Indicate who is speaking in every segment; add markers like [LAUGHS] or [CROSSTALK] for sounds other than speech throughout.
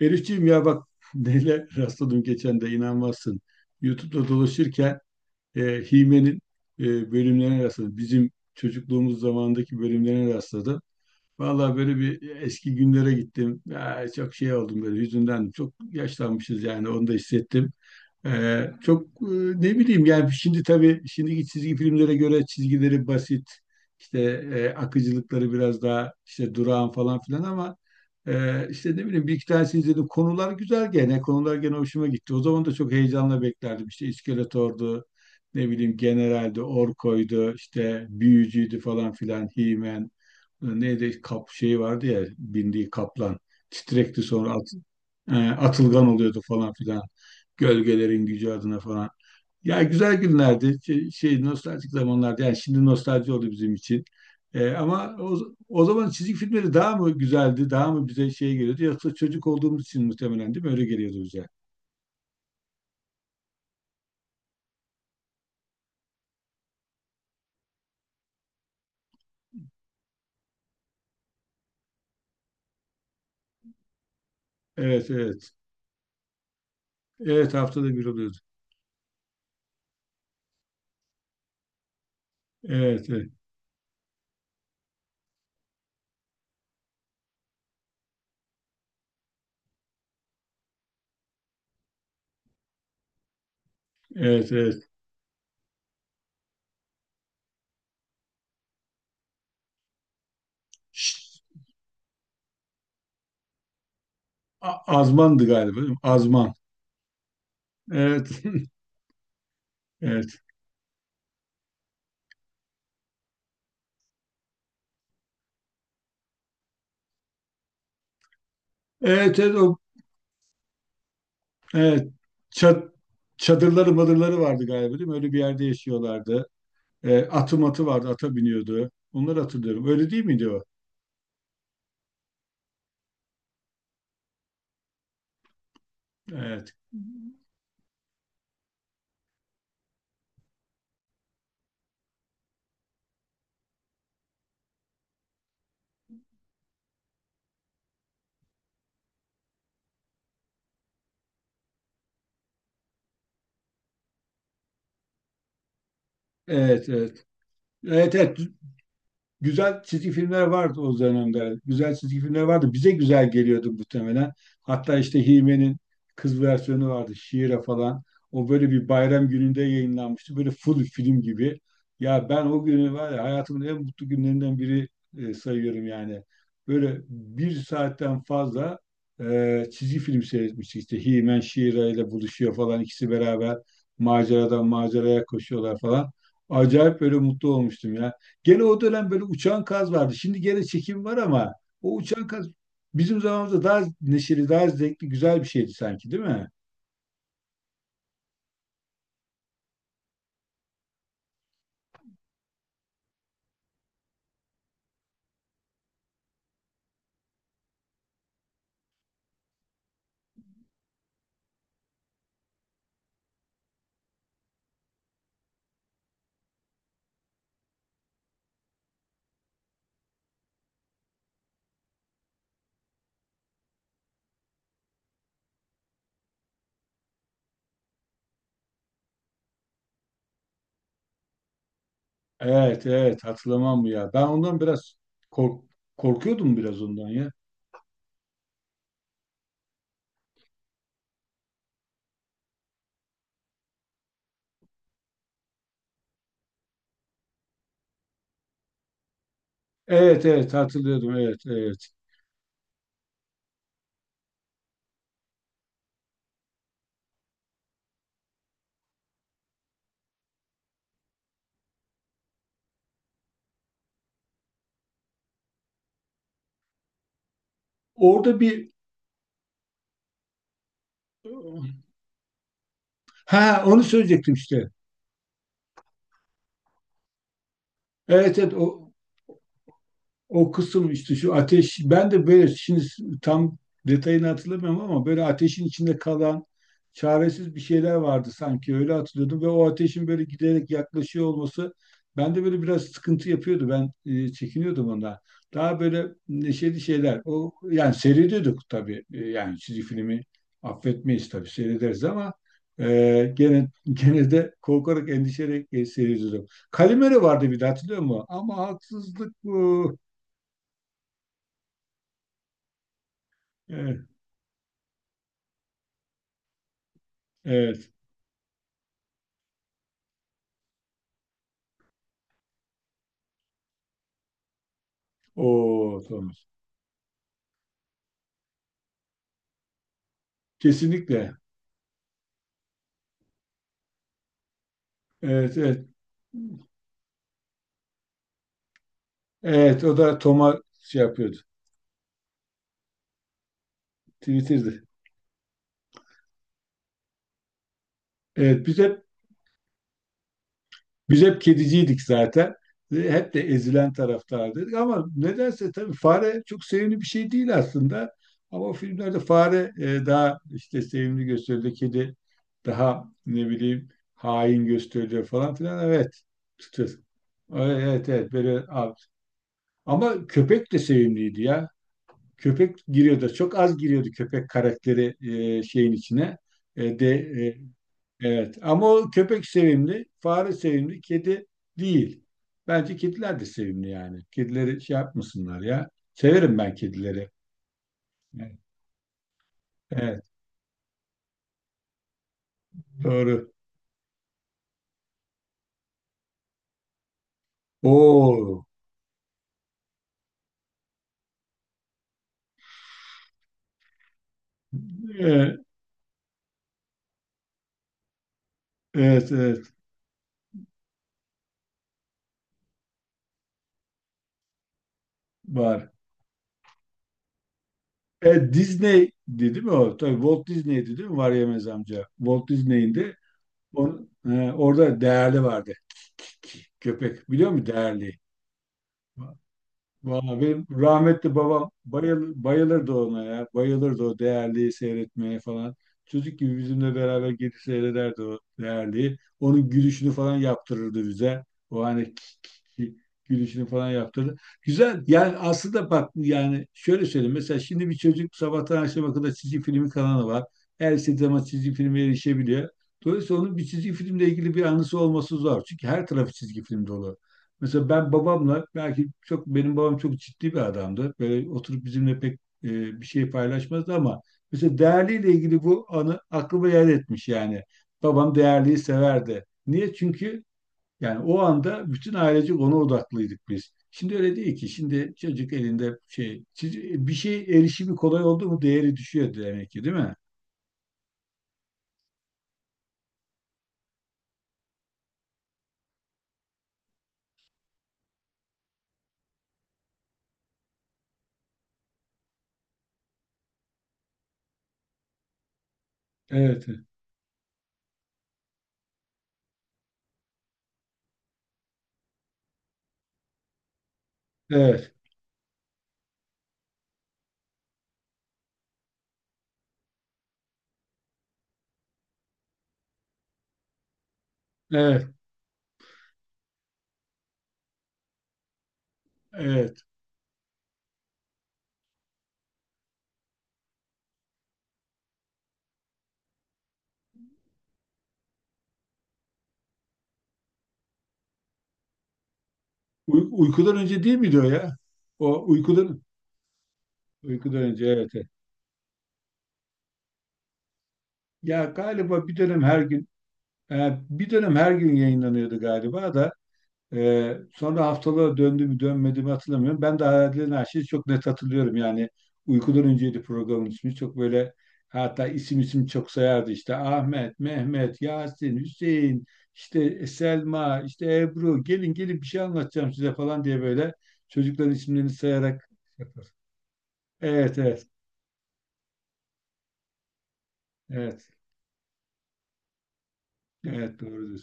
Speaker 1: Elifciğim ya bak [LAUGHS] neyle rastladım geçen de inanmazsın. YouTube'da dolaşırken e, Hime'nin bölümlerine rastladım. Bizim çocukluğumuz zamanındaki bölümlerine rastladım. Vallahi böyle bir eski günlere gittim. Ya, çok şey oldum böyle yüzünden. Çok yaşlanmışız yani, onu da hissettim. Çok ne bileyim yani, şimdi tabii şimdiki çizgi filmlere göre çizgileri basit işte, akıcılıkları biraz daha işte durağan falan filan ama işte ne bileyim, bir iki tanesini izledim. Konular güzel, gene konular gene hoşuma gitti. O zaman da çok heyecanla beklerdim işte. İskeletor'du, ne bileyim, General'di, Orko'ydu, işte Büyücü'ydü falan filan, He-Man. Neydi, kap şeyi vardı ya bindiği, kaplan Titrekti, sonra Atılgan oluyordu falan filan. Gölgelerin gücü adına falan. Ya, güzel günlerdi. Şey, şey, nostaljik zamanlardı. Yani şimdi nostalji oldu bizim için. Ama o zaman çizgi filmleri daha mı güzeldi? Daha mı bize şey geliyordu? Yoksa çocuk olduğumuz için muhtemelen, değil mi? Öyle geliyordu bize. Evet, evet. Evet, haftada bir oluyordu. Evet, evet, evet, evet. Ş- Azmandı galiba, değil mi? Azman. Evet, [LAUGHS] evet. Evet, evet, o, evet. Çat, çadırları madırları vardı galiba, değil mi? Öyle bir yerde yaşıyorlardı. Atı matı vardı, ata biniyordu. Onları hatırlıyorum. Öyle değil miydi o? Evet. Evet, evet. Evet, evet. Güzel çizgi filmler vardı o dönemde. Güzel çizgi filmler vardı. Bize güzel geliyordu muhtemelen. Hatta işte Hime'nin kız versiyonu vardı, Şiire falan. O böyle bir bayram gününde yayınlanmıştı, böyle full film gibi. Ya ben o günü, var ya, hayatımın en mutlu günlerinden biri sayıyorum yani. Böyle bir saatten fazla çizgi film seyretmiştik. İşte Himen Şiira ile buluşuyor falan, İkisi beraber maceradan maceraya koşuyorlar falan. Acayip böyle mutlu olmuştum ya. Gene o dönem böyle uçan kaz vardı. Şimdi gene çekim var ama o uçan kaz bizim zamanımızda daha neşeli, daha zevkli, güzel bir şeydi sanki, değil mi? Evet, evet, hatırlamam mı ya? Ben ondan biraz kork korkuyordum biraz ondan ya. Evet, evet, hatırlıyordum. Evet, evet. Orada bir Ha, onu söyleyecektim işte. Evet, evet, o kısım işte şu ateş, ben de böyle şimdi tam detayını hatırlamıyorum ama böyle ateşin içinde kalan çaresiz bir şeyler vardı sanki, öyle hatırlıyordum ve o ateşin böyle giderek yaklaşıyor olması bende böyle biraz sıkıntı yapıyordu, ben çekiniyordum ondan. Daha böyle neşeli şeyler o yani seyrediyorduk tabii. Yani çizgi filmi affetmeyiz tabii, seyrederiz ama gene [LAUGHS] gene de korkarak, endişeyle seyrediyorduk. Kalimero vardı bir de, hatırlıyor musun? Ama haksızlık bu. Evet, evet. O Thomas. Kesinlikle. Evet, evet. Evet, o da Tom'a şey yapıyordu. Twitter'dı. Evet, biz hep kediciydik zaten. Ve hep de ezilen taraftardık ama nedense, tabii fare çok sevimli bir şey değil aslında. Ama o filmlerde fare daha işte sevimli gösteriliyor, kedi daha ne bileyim hain gösteriliyor falan filan. Evet. Tutuyor. Evet, evet, evet, böyle abi. Ama köpek de sevimliydi ya. Köpek giriyordu. Çok az giriyordu köpek karakteri şeyin içine. E, de evet. Ama o köpek sevimli, fare sevimli, kedi değil. Bence kediler de sevimli yani. Kedileri şey yapmasınlar ya. Severim ben kedileri. Evet, evet, doğru. Oo. E, Evet, evet var. Disney değil mi o? Tabii Walt Disney'di, değil mi? Var Yemez amca. Walt Disney'in de orada Değerli vardı. Köpek, biliyor musun Değerli? Vallahi benim rahmetli babam bayılırdı ona ya. Bayılırdı o Değerli'yi seyretmeye falan. Çocuk gibi bizimle beraber gidip seyrederdi o Değerli'yi. Onun gülüşünü falan yaptırırdı bize. O hani gülüşünü falan yaptırdı. Güzel. Yani aslında bak, yani şöyle söyleyeyim. Mesela şimdi bir çocuk, sabahtan akşama kadar çizgi filmi kanalı var. Her istediği zaman çizgi filme erişebiliyor. Dolayısıyla onun bir çizgi filmle ilgili bir anısı olması zor. Çünkü her tarafı çizgi film dolu. Mesela ben babamla belki çok, benim babam çok ciddi bir adamdı. Böyle oturup bizimle pek e, bir şey paylaşmazdı ama mesela Değerli'yle ilgili bu anı aklıma yer etmiş yani. Babam Değerli'yi severdi. Niye? Çünkü yani o anda bütün ailece ona odaklıydık biz. Şimdi öyle değil ki. Şimdi çocuk elinde şey, bir şey, erişimi kolay oldu mu değeri düşüyor demek ki, değil mi? Evet, evet, evet, evet. Uykudan önce değil miydi o ya? O uykudan, uykudan önce, evet. Evet. Ya galiba bir dönem her gün yayınlanıyordu galiba da. Sonra haftalığa döndü mü dönmedi mi hatırlamıyorum. Ben de Hayallerin Arşivi çok net hatırlıyorum. Yani uykudan önceydi programın ismi. Çok böyle, hatta isim isim çok sayardı, işte Ahmet, Mehmet, Yasin, Hüseyin, işte Selma, işte Ebru, gelin gelin bir şey anlatacağım size falan diye, böyle çocukların isimlerini sayarak yapar. Evet, evet, evet, evet, doğrudur.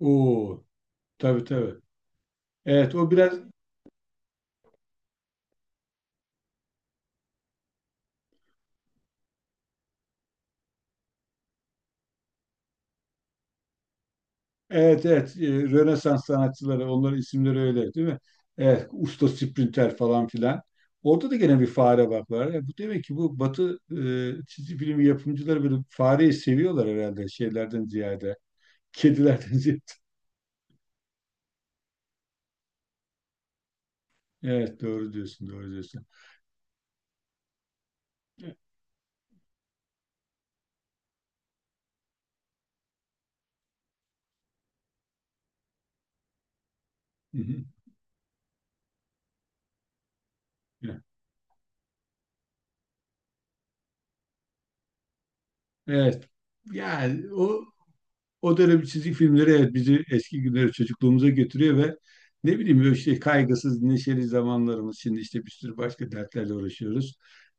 Speaker 1: Oo, tabii, tabii. Evet o biraz Evet, evet, Rönesans sanatçıları, onların isimleri öyle, değil mi? Evet, usta sprinter falan filan. Orada da gene bir fare bak, var. Bu demek ki bu Batı çizgi film yapımcıları böyle fareyi seviyorlar herhalde şeylerden ziyade, kedilerden [LAUGHS] ziyade. Evet, doğru diyorsun, doğru diyorsun. Hı hı. Evet. Yani o dönem çizgi filmleri, evet, bizi eski günlere, çocukluğumuza götürüyor ve ne bileyim böyle işte kaygısız neşeli zamanlarımız, şimdi işte bir sürü başka dertlerle uğraşıyoruz.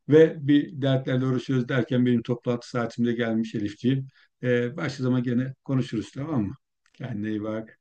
Speaker 1: Ve bir dertlerle uğraşıyoruz derken benim toplantı saatimde gelmiş Elifciğim. Başka zaman gene konuşuruz, tamam mı? Kendine iyi bak.